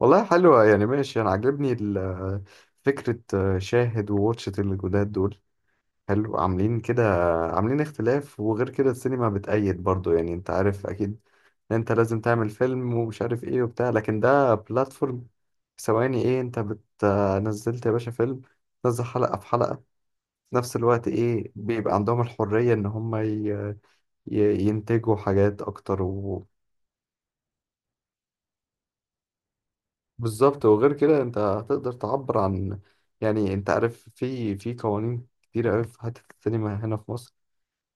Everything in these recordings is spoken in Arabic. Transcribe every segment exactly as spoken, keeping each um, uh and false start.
والله حلوة يعني ماشي. أنا عاجبني ال- فكرة شاهد وواتشت الجداد دول. حلو، عاملين كده، عاملين اختلاف. وغير كده السينما بتأيد برضو، يعني أنت عارف أكيد إن أنت لازم تعمل فيلم ومش عارف إيه وبتاع، لكن ده بلاتفورم. ثواني إيه، أنت بت نزلت يا باشا فيلم، تنزل حلقة في حلقة في نفس الوقت. إيه، بيبقى عندهم الحرية إن هم ي... ي- ينتجوا حاجات أكتر. بالظبط، وغير كده انت هتقدر تعبر عن، يعني انت عارف، في في قوانين كتير قوي في حتة السينما هنا في مصر.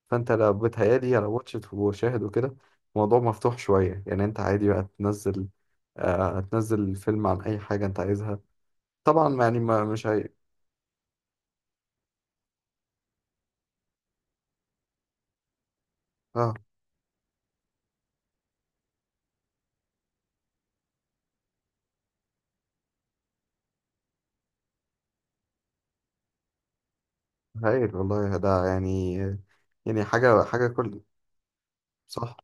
فانت لو بتهيألي لو واتشت وشاهد وكده، الموضوع مفتوح شوية، يعني انت عادي بقى تنزل، آه تنزل الفيلم عن اي حاجة انت عايزها طبعا، يعني ما مش هي. اه، هايل والله، ده يعني، يعني حاجة حاجة كل. صح.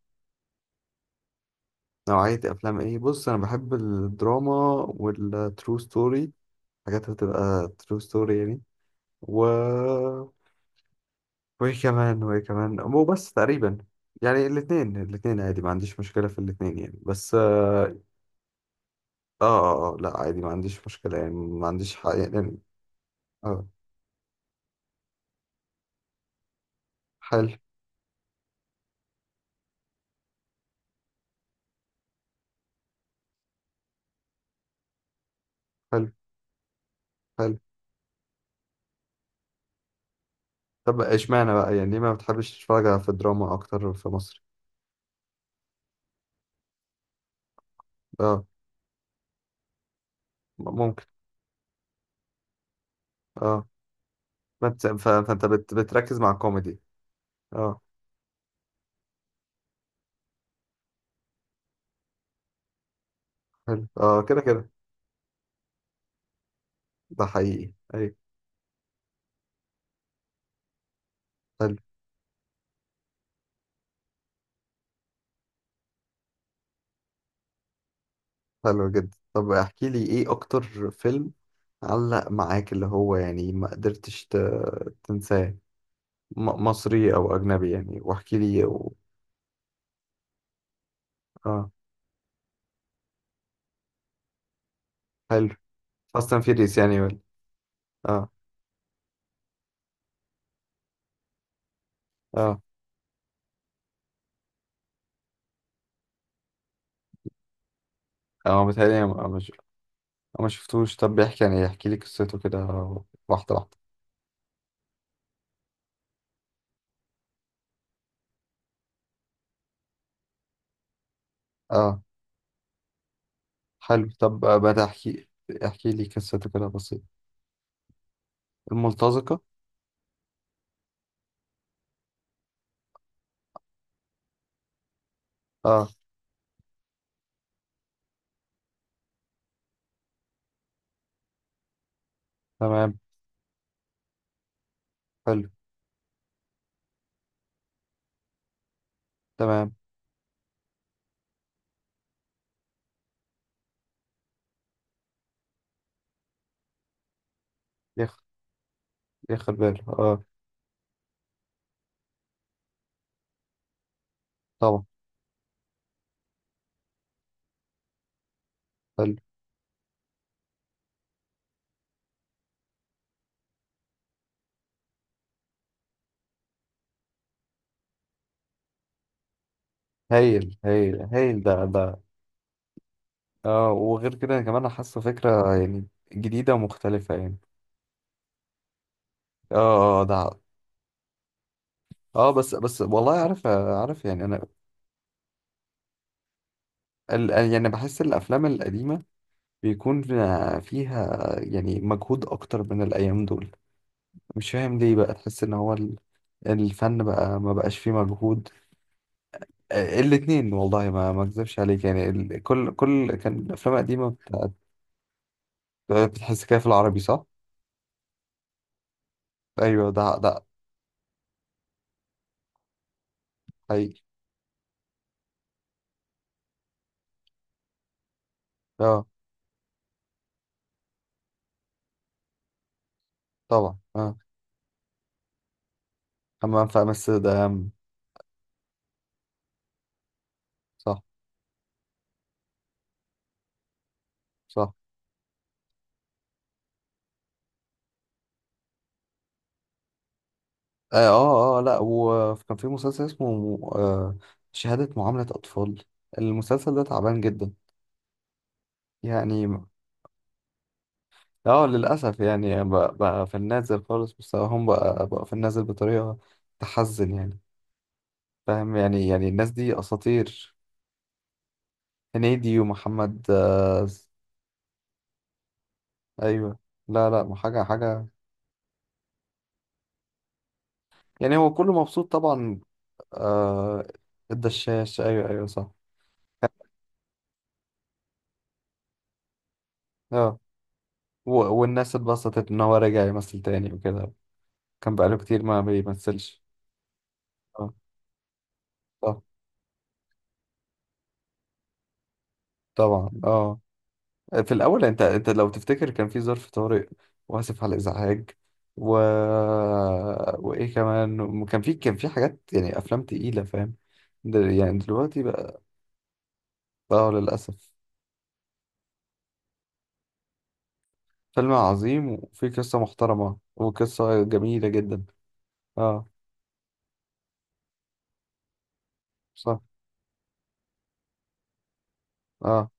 نوعية افلام ايه؟ بص انا بحب الدراما والترو ستوري، حاجات هتبقى ترو ستوري يعني. و وايه كمان وايه كمان مو بس تقريبا. يعني الاثنين الاثنين عادي، ما عنديش مشكلة في الاثنين يعني، بس اه. اه, آه لا عادي، ما عنديش مشكلة يعني، ما عنديش حق يعني. اه. حلو حلو حلو. طب اشمعنى بقى، يعني ليه ما بتحبش تتفرج في الدراما اكتر في مصر؟ اه، م- ممكن. اه. فانت ف- فانت بت بتركز مع الكوميدي. اه. حلو، اه، كده كده. ده حقيقي، ايوه. حلو جدا. طب احكي لي ايه اكتر فيلم علق معاك، اللي هو يعني ما قدرتش ت... تنساه. م... مصري او اجنبي يعني، واحكي لي و... اه. حلو. فاست اند فيريس يعني ولا؟ اه اه اه، متهيألي أنا ما مش... ما شفتوش. طب بيحكي، يعني احكي لي قصته كده، واحدة واحدة اه. حلو. طب آه، ما تحكي، احكي لي قصته كده بسيط. الملتزقة. اه. تمام. حلو. تمام. ياخد، ياخد باله اه. طبعا. حلو. هايل هايل هايل، ده ده. اه، وغير كده أنا كمان حاسه فكرة يعني، جديدة ومختلفة يعني. اه اه، آه، ده. اه، بس بس والله عارف عارف، يعني انا ال- يعني بحس الافلام القديمة بيكون فيها يعني مجهود اكتر من الايام دول. مش فاهم ليه بقى، تحس ان هو ال- الفن بقى ما بقاش فيه مجهود. آه، الاتنين والله، ما ما اكذبش عليك يعني، ال- كل كل كان الافلام القديمة بتاعت- بتحس كده في العربي صح؟ ايوه، ده ده حقيقي. اه طبعا، اه حمام في امستردام ده اهم. صح. صح. اه، اه, آه لا وكان في مسلسل اسمه آه شهادة معاملة اطفال، المسلسل ده تعبان جدا يعني. اه للاسف. يعني بقى, بقى في النازل خالص، مستواهم بقى بقى في النازل بطريقة تحزن يعني. فاهم، يعني يعني الناس دي اساطير. هنيدي ومحمد آه. ايوه. لا لا، حاجة حاجة. يعني هو كله مبسوط طبعا. آه، الدشاش، ايوه ايوه صح. اه. و... والناس اتبسطت ان هو رجع يمثل تاني وكده. كان بقاله كتير ما بيمثلش. اه. طب. طبعا اه. في الاول، انت انت لو تفتكر كان في ظرف طارئ، واسف على الازعاج، و... وايه كمان، كان في كان في حاجات يعني، افلام تقيلة فاهم. دل... يعني دلوقتي بقى. اه للاسف. فيلم عظيم، وفي قصة محترمة وقصة جميلة جدا. اه. صح. اه.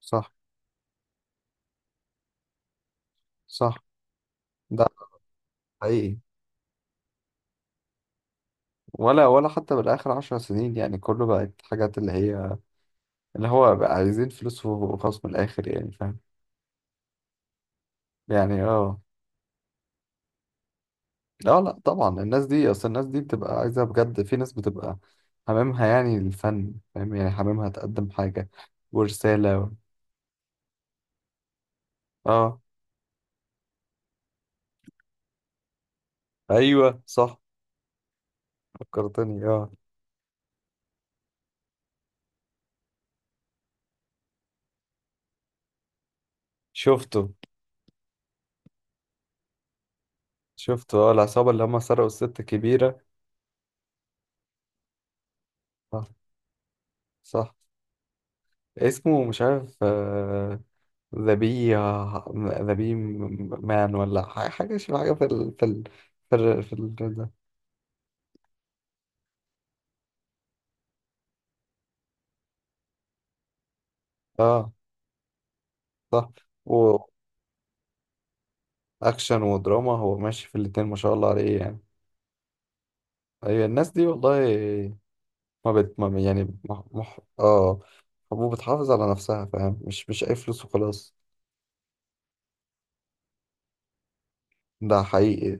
صح. صح. ده حقيقي. ولا ولا حتى بالآخر عشر سنين، يعني كله بقت حاجات اللي هي، اللي هو بقى عايزين فلوس وخلاص من الآخر، يعني فاهم يعني. اه. لا لا طبعا، الناس دي أصل الناس دي بتبقى عايزة بجد، في ناس بتبقى حمامها يعني الفن، فاهم يعني حمامها تقدم حاجة ورسالة و... اه. أيوه صح. فكرتني اه. شفته. شفته اه، العصابة اللي هم سرقوا الست كبيرة. صح. صح. اسمه مش عارف، ذا بي، ذا بي مان ولا ح- حاجة شبه حاجة في ال في ال في ال في ال ده. اه. صح. وأكشن ودراما، هو ماشي في الاتنين ما شاء الله عليه يعني. أيوة الناس دي والله ما بت ما يعني مح مح اه، وبتحافظ على نفسها، فاهم مش مش أي فلوس وخلاص. ده حقيقي.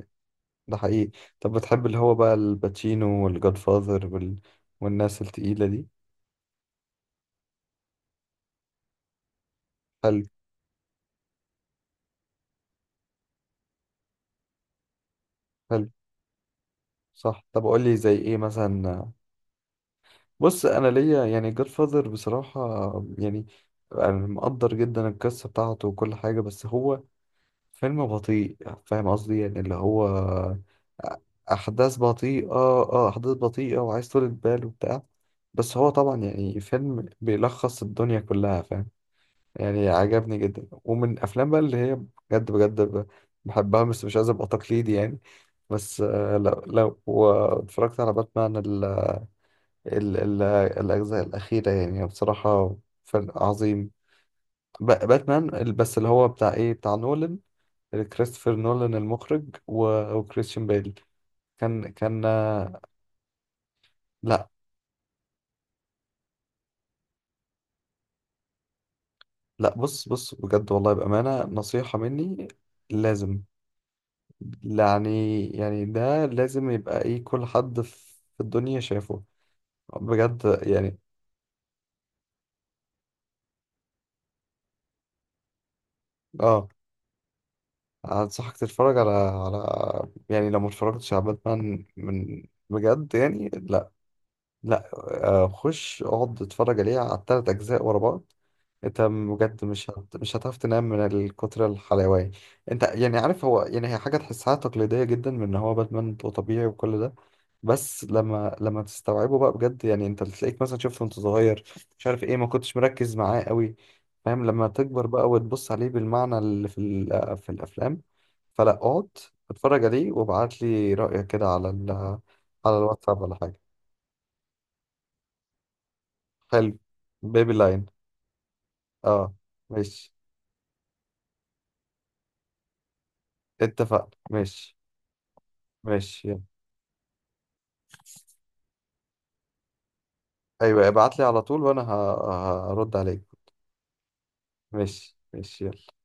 ده حقيقي. طب بتحب اللي هو بقى الباتشينو والجاد فاذر وال... والناس التقيلة دي. حلو. حلو. صح. طب قول لي زي ايه مثلا. بص انا ليا يعني جاد فاذر بصراحه، يعني انا مقدر جدا القصه بتاعته وكل حاجه، بس هو فيلم بطيء، فاهم قصدي، يعني اللي هو احداث بطيئه، اه احداث بطيئه وعايز طولة بال وبتاع. بس هو طبعا يعني فيلم بيلخص الدنيا كلها، فاهم يعني. عجبني جدا، ومن الافلام بقى اللي هي بجد بجد ب- بحبها، بس مش عايز ابقى تقليدي يعني. بس آه، لو لو واتفرجت على باتمان ال ال الأجزاء الأخيرة، يعني بصراحة فن عظيم. ب- باتمان، ال- بس اللي هو بتاع إيه، بتاع نولان، كريستوفر نولان المخرج و- وكريستيان بيل. كان كان آه، لا لا، بص بص بجد والله، بأمانة نصيحة مني، لازم يعني، يعني ده لازم يبقى إيه، كل حد في الدنيا شافه، بجد يعني. اه. أنصحك تتفرج على على، يعني لو ما اتفرجتش على باتمان، من بجد يعني لا. لا آه، خش اقعد اتفرج عليه، على التلات اجزاء ورا بعض. انت بجد مش هت... مش هتعرف تنام من الكتر الحلاوه. انت يعني عارف، هو يعني هي حاجه تحسها تقليديه جدا، من ان هو باتمان وطبيعي وكل ده، بس لما لما تستوعبه بقى بجد يعني، انت تلاقيك مثلا شفته وانت صغير، مش عارف ايه، ما كنتش مركز معاه قوي، فاهم. لما تكبر بقى وتبص عليه بالمعنى اللي في ال... في الافلام، فلا اقعد اتفرج عليه وابعت لي رايك كده على ال... على الواتساب ولا حاجه. حلو. بيبي لاين. اه. ماشي، اتفقنا. ماشي ماشي يلا. ايوه ابعت لي على طول وانا ه- هرد عليك. ماشي ماشي يلا.